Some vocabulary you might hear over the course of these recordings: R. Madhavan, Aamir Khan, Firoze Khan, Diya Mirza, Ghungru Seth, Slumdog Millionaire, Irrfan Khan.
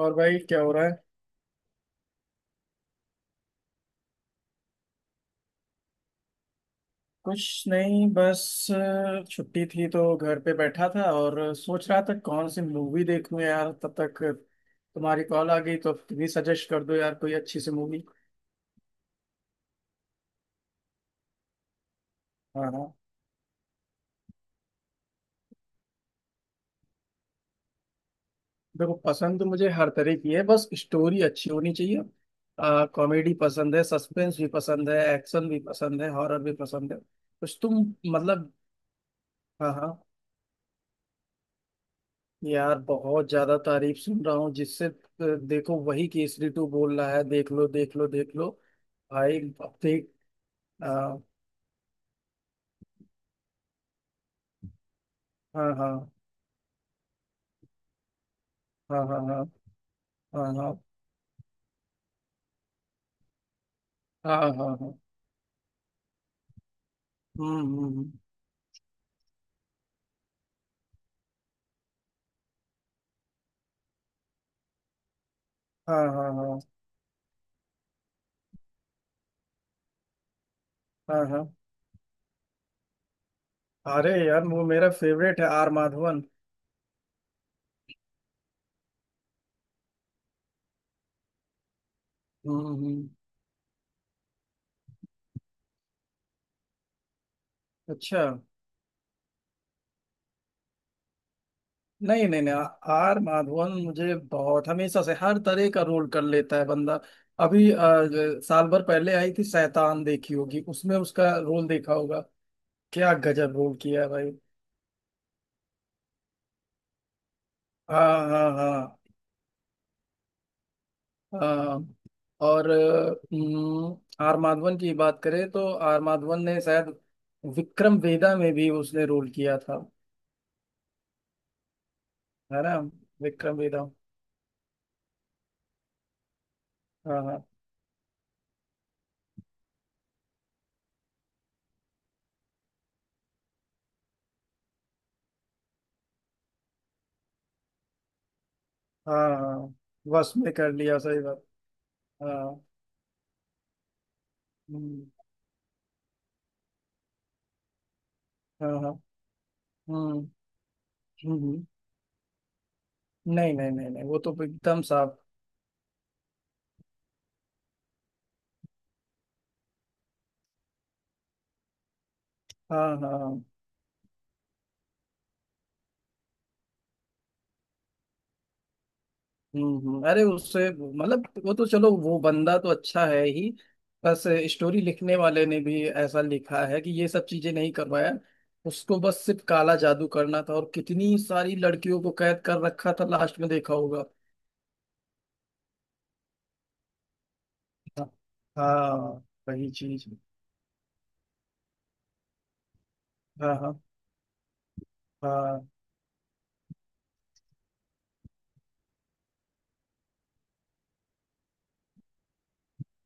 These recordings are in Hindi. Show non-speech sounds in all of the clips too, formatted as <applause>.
और भाई, क्या हो रहा है? कुछ नहीं, बस छुट्टी थी तो घर पे बैठा था और सोच रहा था कौन सी मूवी देखूं यार, तब तक तुम्हारी कॉल आ गई। तो तुम ही सजेस्ट कर दो यार, कोई अच्छी सी मूवी। हाँ, हाँ। देखो, पसंद तो मुझे हर तरह की है, बस स्टोरी अच्छी होनी चाहिए। कॉमेडी पसंद है, सस्पेंस भी पसंद है, एक्शन भी पसंद है, हॉरर भी पसंद है। कुछ तुम। मतलब। हाँ, हाँ। यार बहुत ज्यादा तारीफ सुन रहा हूँ जिससे। देखो, वही केसरी टू बोल रहा है, देख लो, देख लो, देख लो। भाई, अब देख। आ, हाँ, हाँ, हाँ, हाँ, हाँ, हाँ, हाँ, हाँ, हाँ, हाँ, हाँ, हम्म, हम्म, हाँ, हाँ, हाँ, हाँ, हाँ, हाँ। अरे यार, वो मेरा फेवरेट है, आर माधवन। हम्म, हम्म, अच्छा। नहीं, नहीं, नहीं, आर माधवन मुझे बहुत, हमेशा से हर तरह का रोल कर लेता है बंदा। अभी साल भर पहले आई थी शैतान, देखी होगी, उसमें उसका रोल देखा होगा। क्या गजब रोल किया है भाई। हाँ, हाँ, हाँ, हाँ। और आर माधवन की बात करें तो आर माधवन ने शायद विक्रम वेदा में भी उसने रोल किया था, है ना? विक्रम वेदा। हाँ, हाँ, हाँ, हाँ। बस में कर लिया, सही बात। हाँ। हम्म। हाँ, हाँ। हम्म, हम्म। हम्म। नहीं, नहीं, नहीं, नहीं, वो तो एकदम साफ। हाँ, हाँ, हाँ। हम्म, अरे उससे मतलब वो तो चलो, वो बंदा तो अच्छा है ही, बस स्टोरी लिखने वाले ने भी ऐसा लिखा है कि ये सब चीजें नहीं करवाया। उसको बस सिर्फ काला जादू करना था, और कितनी सारी लड़कियों को कैद कर रखा था, लास्ट में देखा होगा। हाँ, हाँ, वही चीज। हाँ, हाँ, हाँ।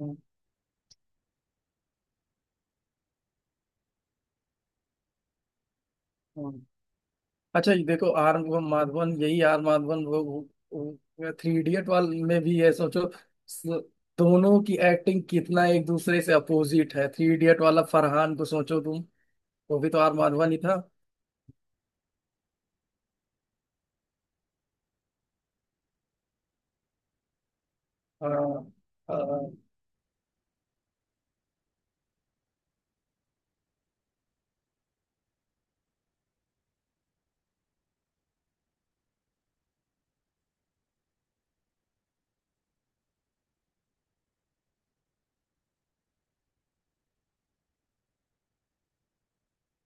हम्म, हम्म। अच्छा, ये देखो, आर माधवन, यही आर माधवन वो थ्री इडियट वाले में भी है, सोचो। स- दोनों की एक्टिंग कितना एक दूसरे से अपोजिट है। थ्री इडियट वाला फरहान को सोचो तुम, वो भी तो आर माधवन ही था। हाँ, हाँ,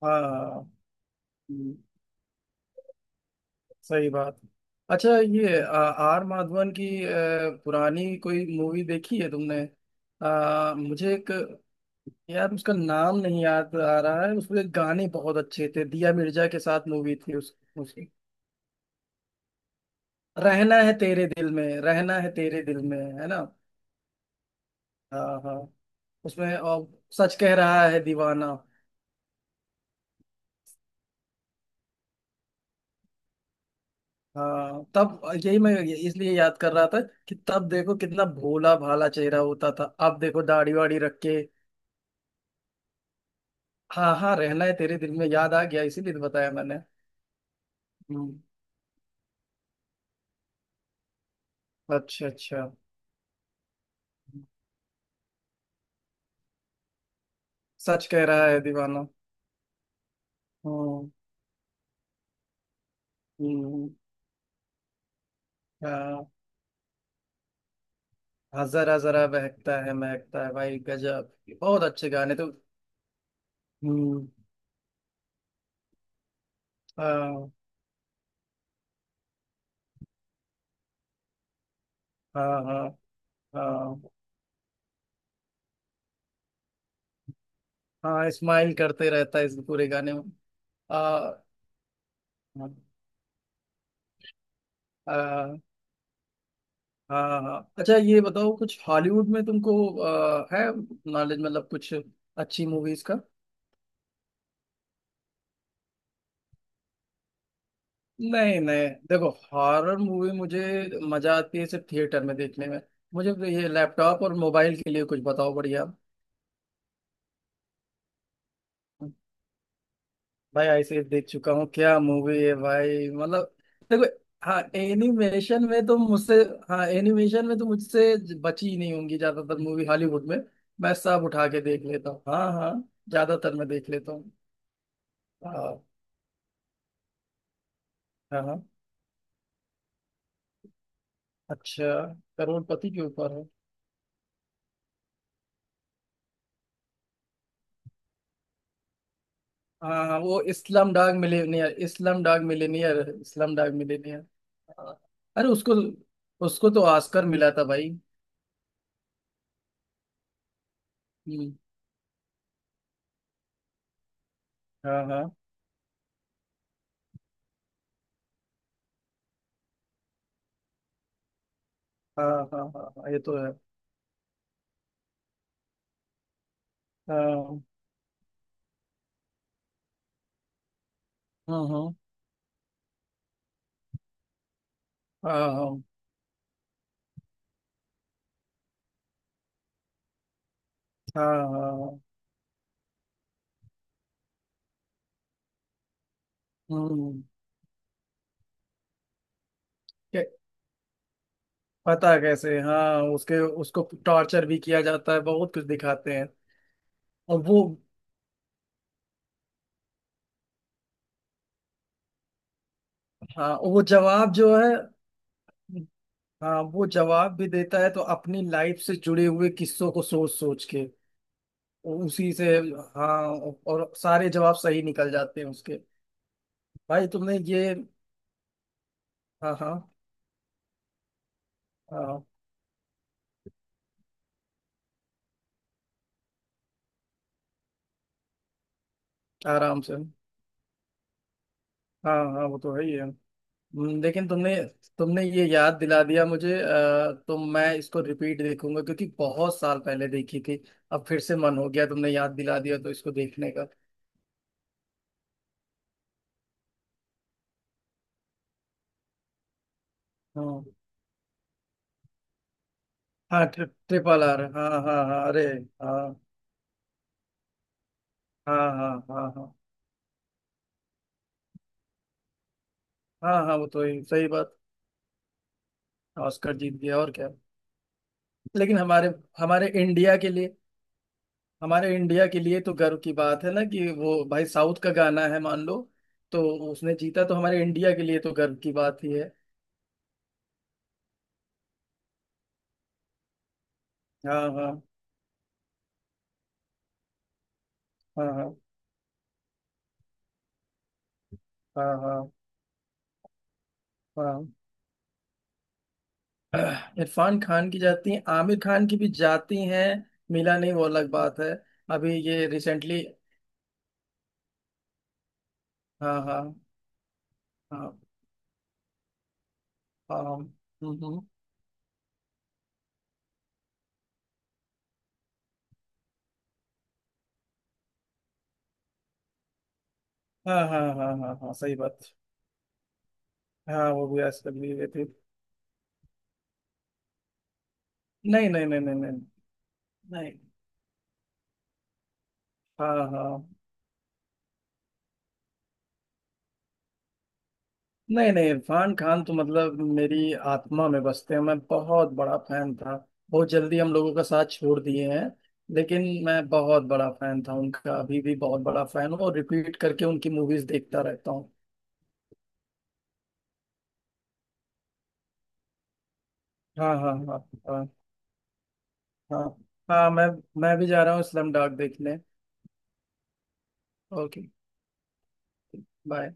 हाँ, हम्म, सही बात। अच्छा, ये आर माधवन की पुरानी कोई मूवी देखी है तुमने? मुझे एक, यार उसका नाम नहीं याद आ रहा है, उसके गाने बहुत अच्छे थे। दिया मिर्जा के साथ मूवी थी उस उसकी। रहना है तेरे दिल में, रहना है तेरे दिल में, है ना? हाँ, हाँ। उसमें और सच कह रहा है दीवाना। हाँ, तब यही मैं इसलिए याद कर रहा था, कि तब देखो कितना भोला भाला चेहरा होता था, अब देखो दाढ़ी वाड़ी रख के। हाँ, हाँ, रहना है तेरे दिल में, याद आ गया, इसीलिए तो बताया मैंने। हम्म। अच्छा, अच्छा। सच कह रहा है दीवाना। हम्म, हम्म, हाँ, हाँ, जरा जरा बहकता है महकता है, भाई गजब। बहुत अच्छे गाने तो। हम्म। हाँ, हाँ, हाँ, हाँ, हाँ, स्माइल करते रहता है इस पूरे गाने में। आ, हाँ, हाँ, हाँ। अच्छा, ये बताओ कुछ हॉलीवुड में तुमको है नॉलेज, मतलब कुछ अच्छी मूवीज का? नहीं, नहीं, देखो हॉरर मूवी मुझे मजा आती है सिर्फ थिएटर में देखने में। मुझे ये लैपटॉप और मोबाइल के लिए कुछ बताओ बढ़िया। भाई, आइसक्रीम देख चुका हूँ। क्या मूवी है भाई, मतलब। देखो। हाँ, एनिमेशन में तो मुझसे, हाँ एनिमेशन में तो मुझसे बची ही नहीं होंगी ज्यादातर मूवी हॉलीवुड में। मैं सब उठा के देख लेता हूँ। हाँ, हाँ। ज्यादातर मैं देख लेता हूँ। हाँ, हाँ, हाँ। अच्छा, करोड़पति के ऊपर है? हाँ, हाँ, वो इस्लाम डाग मिलेनियर, इस्लाम डाग मिलेनियर, इस्लाम डाग मिलेनियर। हाँ। अरे उसको, उसको तो ऑस्कर मिला था भाई। हम्म, हाँ, हाँ, हाँ, हाँ, हाँ, हाँ, ये तो है। हाँ, हाँ, हाँ, हाँ, हाँ, हाँ। हम्म। के- पता है कैसे। हाँ, उसके, उसको टॉर्चर भी किया जाता है, बहुत कुछ दिखाते हैं। और वो। हाँ, वो जवाब जो है। हाँ, वो जवाब भी देता है तो अपनी लाइफ से जुड़े हुए किस्सों को सोच सोच के, और उसी से। हाँ, और सारे जवाब सही निकल जाते हैं उसके। भाई, तुमने ये। हाँ, हाँ, हाँ, आराम से। हाँ, हाँ, वो तो है ही है। लेकिन तुमने तुमने ये याद दिला दिया मुझे, तो मैं इसको रिपीट देखूंगा, क्योंकि बहुत साल पहले देखी थी। अब फिर से मन हो गया, तुमने याद दिला दिया तो इसको देखने का। हाँ, हाँ, ट्रिपल आर, हाँ, हाँ, हाँ, अरे। हाँ, हाँ, हाँ, हाँ, हाँ, हाँ। हाँ, वो तो ही, सही बात। ऑस्कर जीत गया और क्या। लेकिन हमारे हमारे इंडिया के लिए, हमारे इंडिया के लिए तो गर्व की बात है ना, कि वो भाई साउथ का गाना है, मान लो, तो उसने जीता तो हमारे इंडिया के लिए तो गर्व की बात ही है। हाँ, हाँ, हाँ, हाँ, हाँ, हाँ, हाँ, <clears throat> इरफान खान की जाती हैं, आमिर खान की भी जाती हैं। मिला नहीं, वो अलग बात है। अभी ये रिसेंटली। हाँ, हाँ, हाँ, हाँ, हाँ, हाँ, हाँ, हाँ, हाँ, हाँ, सही बात। हाँ, वो भी आजकल भी हुए थे। नहीं, नहीं, नहीं, नहीं, नहीं, नहीं। हाँ, हाँ। नहीं, नहीं, इरफान खान तो मतलब मेरी आत्मा में बसते हैं, मैं बहुत बड़ा फैन था। बहुत जल्दी हम लोगों का साथ छोड़ दिए हैं। लेकिन मैं बहुत बड़ा फैन था उनका, अभी भी बहुत बड़ा फैन हूँ, और रिपीट करके उनकी मूवीज देखता रहता हूँ। हाँ, हाँ, हाँ, हाँ, हाँ, हाँ। मैं भी जा रहा हूँ स्लम डॉग देखने। ओके। बाय।